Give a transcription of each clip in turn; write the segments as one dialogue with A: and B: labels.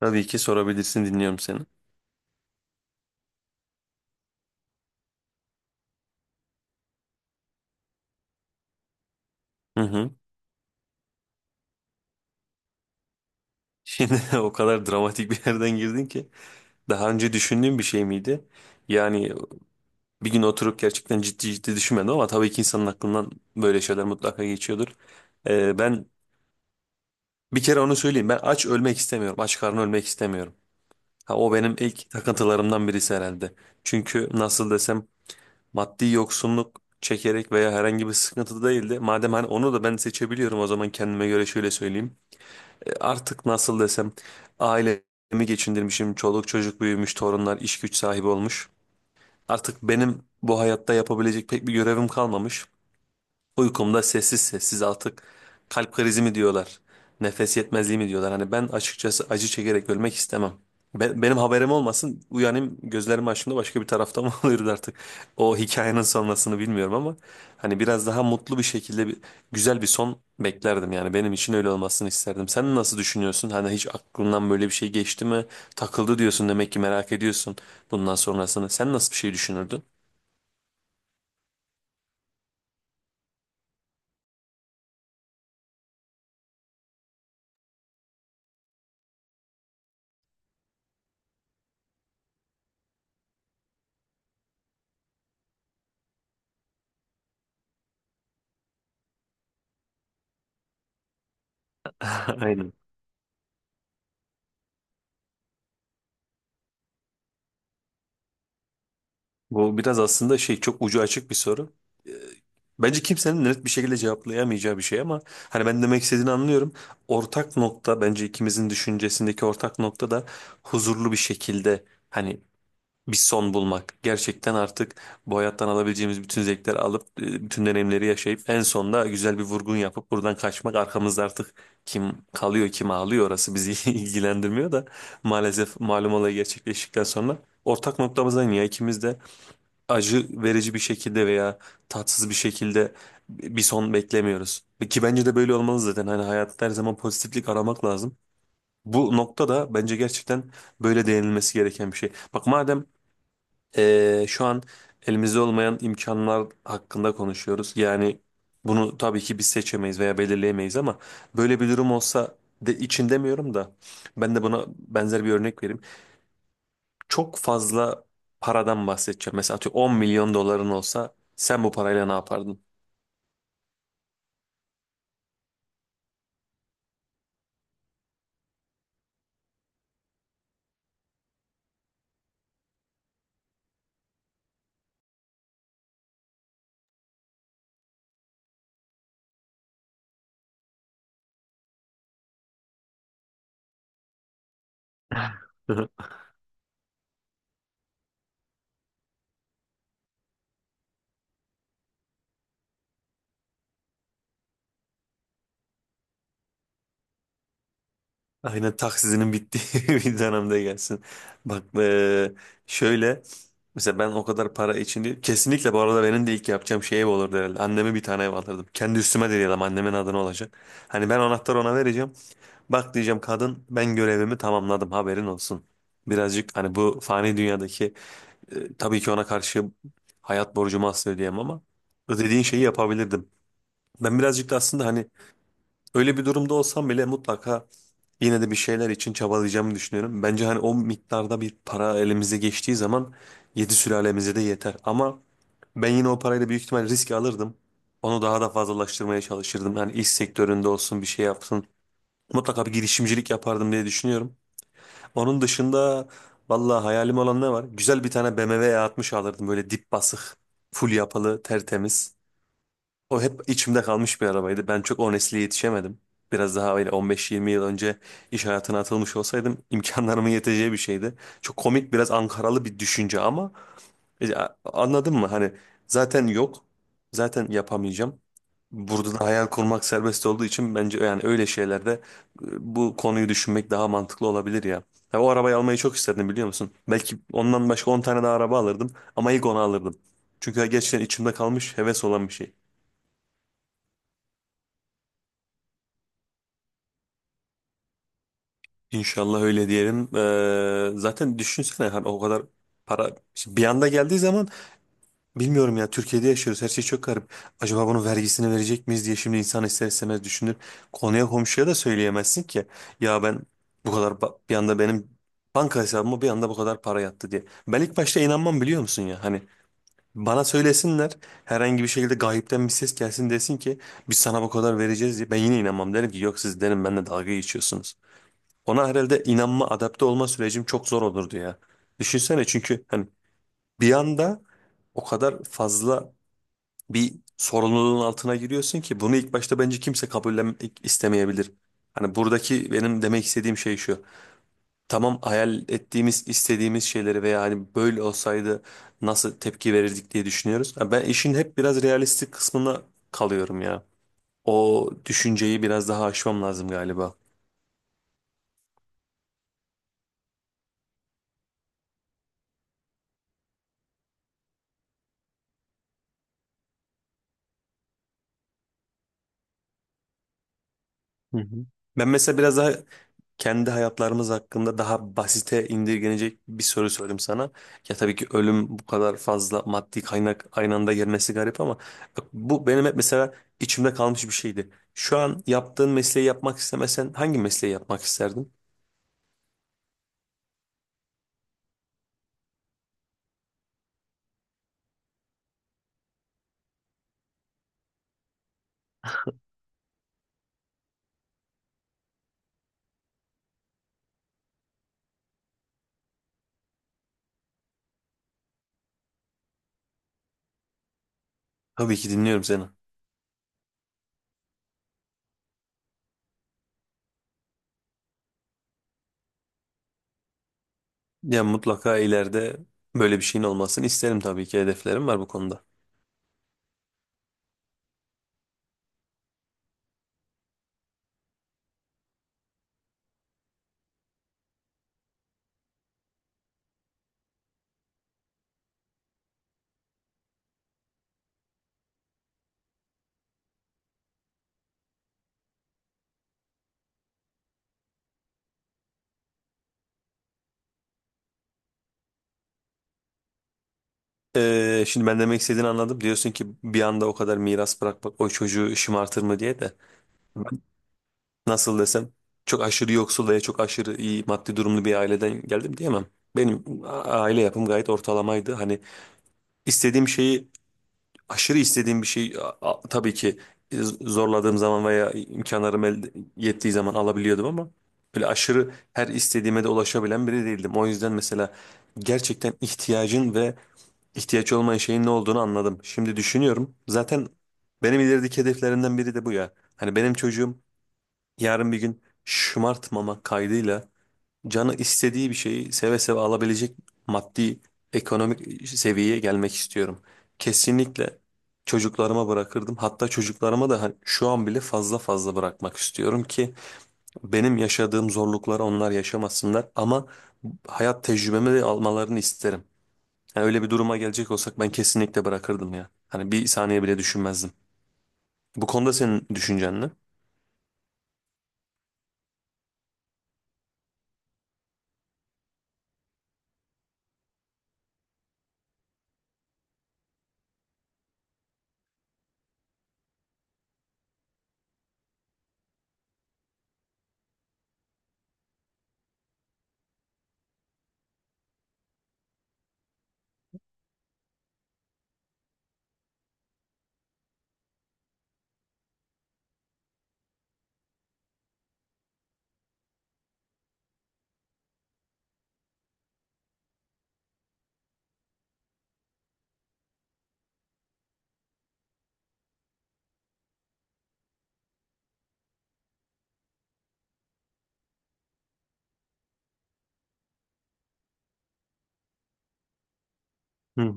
A: Tabii ki sorabilirsin, dinliyorum seni. Hı hı. Şimdi o kadar dramatik bir yerden girdin ki. Daha önce düşündüğün bir şey miydi? Yani bir gün oturup gerçekten ciddi ciddi düşünmedim ama tabii ki insanın aklından böyle şeyler mutlaka geçiyordur. Ben bir kere onu söyleyeyim. Ben aç ölmek istemiyorum. Aç karnı ölmek istemiyorum. Ha, o benim ilk takıntılarımdan birisi herhalde. Çünkü nasıl desem maddi yoksunluk çekerek veya herhangi bir sıkıntı değildi. Madem hani onu da ben seçebiliyorum o zaman kendime göre şöyle söyleyeyim. Artık nasıl desem ailemi geçindirmişim. Çoluk çocuk büyümüş, torunlar iş güç sahibi olmuş. Artık benim bu hayatta yapabilecek pek bir görevim kalmamış. Uykumda sessiz sessiz artık kalp krizi mi diyorlar, nefes yetmezliği mi diyorlar. Hani ben açıkçası acı çekerek ölmek istemem. Benim haberim olmasın, uyanayım gözlerimi açtığımda başka bir tarafta mı oluyordu artık. O hikayenin sonrasını bilmiyorum ama hani biraz daha mutlu bir şekilde bir, güzel bir son beklerdim. Yani benim için öyle olmasını isterdim. Sen nasıl düşünüyorsun? Hani hiç aklından böyle bir şey geçti mi? Takıldı diyorsun, demek ki merak ediyorsun bundan sonrasını. Sen nasıl bir şey düşünürdün? Aynen. Bu biraz aslında şey, çok ucu açık bir soru. Ee, Bence kimsenin net bir şekilde cevaplayamayacağı bir şey ama hani ben demek istediğini anlıyorum. Ortak nokta, bence ikimizin düşüncesindeki ortak nokta da huzurlu bir şekilde hani bir son bulmak. Gerçekten artık bu hayattan alabileceğimiz bütün zevkleri alıp bütün deneyimleri yaşayıp en sonunda güzel bir vurgun yapıp buradan kaçmak. Arkamızda artık kim kalıyor kim ağlıyor orası bizi ilgilendirmiyor da maalesef malum olay gerçekleştikten sonra ortak noktamızdan ya, ikimiz de acı verici bir şekilde veya tatsız bir şekilde bir son beklemiyoruz. Ki bence de böyle olmalı zaten. Hani hayatta her zaman pozitiflik aramak lazım. Bu nokta da bence gerçekten böyle değinilmesi gereken bir şey. Bak, madem şu an elimizde olmayan imkanlar hakkında konuşuyoruz. Yani bunu tabii ki biz seçemeyiz veya belirleyemeyiz ama böyle bir durum olsa de için demiyorum da, ben de buna benzer bir örnek vereyim, çok fazla paradan bahsedeceğim. Mesela atıyorum, 10 milyon doların olsa sen bu parayla ne yapardın? Aynen, taksizinin bittiği bir dönemde gelsin. Bak şöyle, mesela ben o kadar para için değil. Kesinlikle, bu arada benim de ilk yapacağım şey ev olurdu herhalde. Anneme bir tane ev alırdım. Kendi üstüme de diyelim, annemin adına olacak. Hani ben anahtarı ona vereceğim. Bak, diyeceğim, kadın ben görevimi tamamladım, haberin olsun. Birazcık hani bu fani dünyadaki tabii ki ona karşı hayat borcumu asla ödeyemem ama dediğin şeyi yapabilirdim. Ben birazcık da aslında hani öyle bir durumda olsam bile mutlaka yine de bir şeyler için çabalayacağımı düşünüyorum. Bence hani o miktarda bir para elimize geçtiği zaman yedi sülalemize de yeter. Ama ben yine o parayla büyük ihtimal risk alırdım. Onu daha da fazlalaştırmaya çalışırdım. Yani iş sektöründe olsun, bir şey yapsın. Mutlaka bir girişimcilik yapardım diye düşünüyorum. Onun dışında, vallahi hayalim olan ne var? Güzel bir tane BMW E60 alırdım, böyle dip basık, full yapılı, tertemiz. O hep içimde kalmış bir arabaydı. Ben çok o nesle yetişemedim. Biraz daha öyle 15-20 yıl önce iş hayatına atılmış olsaydım imkanlarımın yeteceği bir şeydi. Çok komik, biraz Ankaralı bir düşünce ama anladın mı? Hani zaten yok, zaten yapamayacağım. Burada da hayal kurmak serbest olduğu için bence yani öyle şeylerde bu konuyu düşünmek daha mantıklı olabilir ya. Ya, o arabayı almayı çok isterdim, biliyor musun? Belki ondan başka 10 tane daha araba alırdım ama ilk onu alırdım. Çünkü gerçekten içimde kalmış heves olan bir şey. İnşallah öyle diyelim. Zaten düşünsene, hani o kadar para şimdi bir anda geldiği zaman, bilmiyorum ya, Türkiye'de yaşıyoruz, her şey çok garip. Acaba bunun vergisini verecek miyiz diye şimdi insan ister istemez düşünür. Konuya komşuya da söyleyemezsin ki. Ya ben bu kadar bir anda benim banka hesabıma bir anda bu kadar para yattı diye. Ben ilk başta inanmam, biliyor musun ya? Hani bana söylesinler, herhangi bir şekilde gayipten bir ses gelsin, desin ki biz sana bu kadar vereceğiz diye. Ben yine inanmam, derim ki yok, siz derim benimle dalga geçiyorsunuz. Ona herhalde inanma, adapte olma sürecim çok zor olurdu ya. Düşünsene, çünkü hani bir anda o kadar fazla bir sorumluluğun altına giriyorsun ki bunu ilk başta bence kimse kabullen istemeyebilir. Hani buradaki benim demek istediğim şey şu. Tamam, hayal ettiğimiz, istediğimiz şeyleri veya hani böyle olsaydı nasıl tepki verirdik diye düşünüyoruz. Ha, ben işin hep biraz realistik kısmına kalıyorum ya. O düşünceyi biraz daha aşmam lazım galiba. Hı hı. Ben mesela biraz daha kendi hayatlarımız hakkında daha basite indirgenecek bir soru sorayım sana. Ya tabii ki ölüm, bu kadar fazla maddi kaynak aynı anda gelmesi garip ama bak, bu benim hep mesela içimde kalmış bir şeydi. Şu an yaptığın mesleği yapmak istemesen hangi mesleği yapmak isterdin? Tabii ki dinliyorum seni. Ya mutlaka ileride böyle bir şeyin olmasını isterim tabii ki. Hedeflerim var bu konuda. Şimdi ben demek istediğini anladım. Diyorsun ki bir anda o kadar miras bırakmak o çocuğu şımartır mı diye de, ben nasıl desem çok aşırı yoksul veya çok aşırı iyi maddi durumlu bir aileden geldim diyemem. Benim aile yapım gayet ortalamaydı. Hani istediğim şeyi, aşırı istediğim bir şey, tabii ki zorladığım zaman veya imkanlarım el yettiği zaman alabiliyordum ama böyle aşırı her istediğime de ulaşabilen biri değildim. O yüzden mesela gerçekten ihtiyacın ve ihtiyaç olmayan şeyin ne olduğunu anladım. Şimdi düşünüyorum. Zaten benim ilerideki hedeflerimden biri de bu ya. Hani benim çocuğum yarın bir gün, şımartmama kaydıyla, canı istediği bir şeyi seve seve alabilecek maddi ekonomik seviyeye gelmek istiyorum. Kesinlikle çocuklarıma bırakırdım. Hatta çocuklarıma da hani şu an bile fazla fazla bırakmak istiyorum ki benim yaşadığım zorlukları onlar yaşamasınlar ama hayat tecrübemi de almalarını isterim. Yani öyle bir duruma gelecek olsak ben kesinlikle bırakırdım ya. Hani bir saniye bile düşünmezdim. Bu konuda senin düşüncen ne? Hı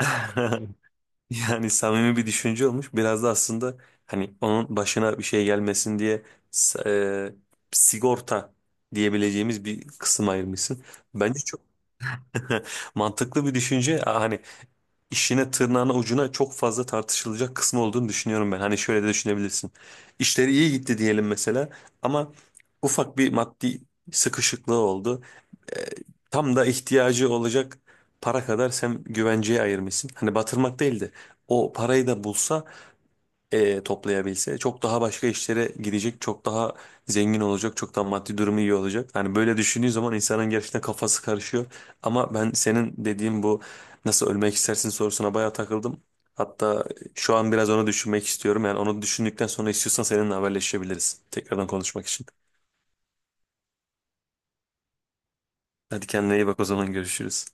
A: hı. Yani samimi bir düşünce olmuş. Biraz da aslında hani onun başına bir şey gelmesin diye s- e, sigorta diyebileceğimiz bir kısım ayırmışsın. Bence çok mantıklı bir düşünce. Aa, hani işine tırnağına ucuna çok fazla tartışılacak kısmı olduğunu düşünüyorum ben. Hani şöyle de düşünebilirsin. İşleri iyi gitti diyelim mesela ama ufak bir maddi sıkışıklığı oldu. E, Tam da ihtiyacı olacak para kadar sen güvenceye ayırmışsın. Hani batırmak değildi. O parayı da bulsa toplayabilse çok daha başka işlere gidecek, çok daha zengin olacak, çok daha maddi durumu iyi olacak. Hani böyle düşündüğü zaman insanın gerçekten kafası karışıyor. Ama ben senin dediğin bu nasıl ölmek istersin sorusuna bayağı takıldım. Hatta şu an biraz onu düşünmek istiyorum. Yani onu düşündükten sonra istiyorsan seninle haberleşebiliriz. Tekrardan konuşmak için. Hadi kendine iyi bak, o zaman görüşürüz.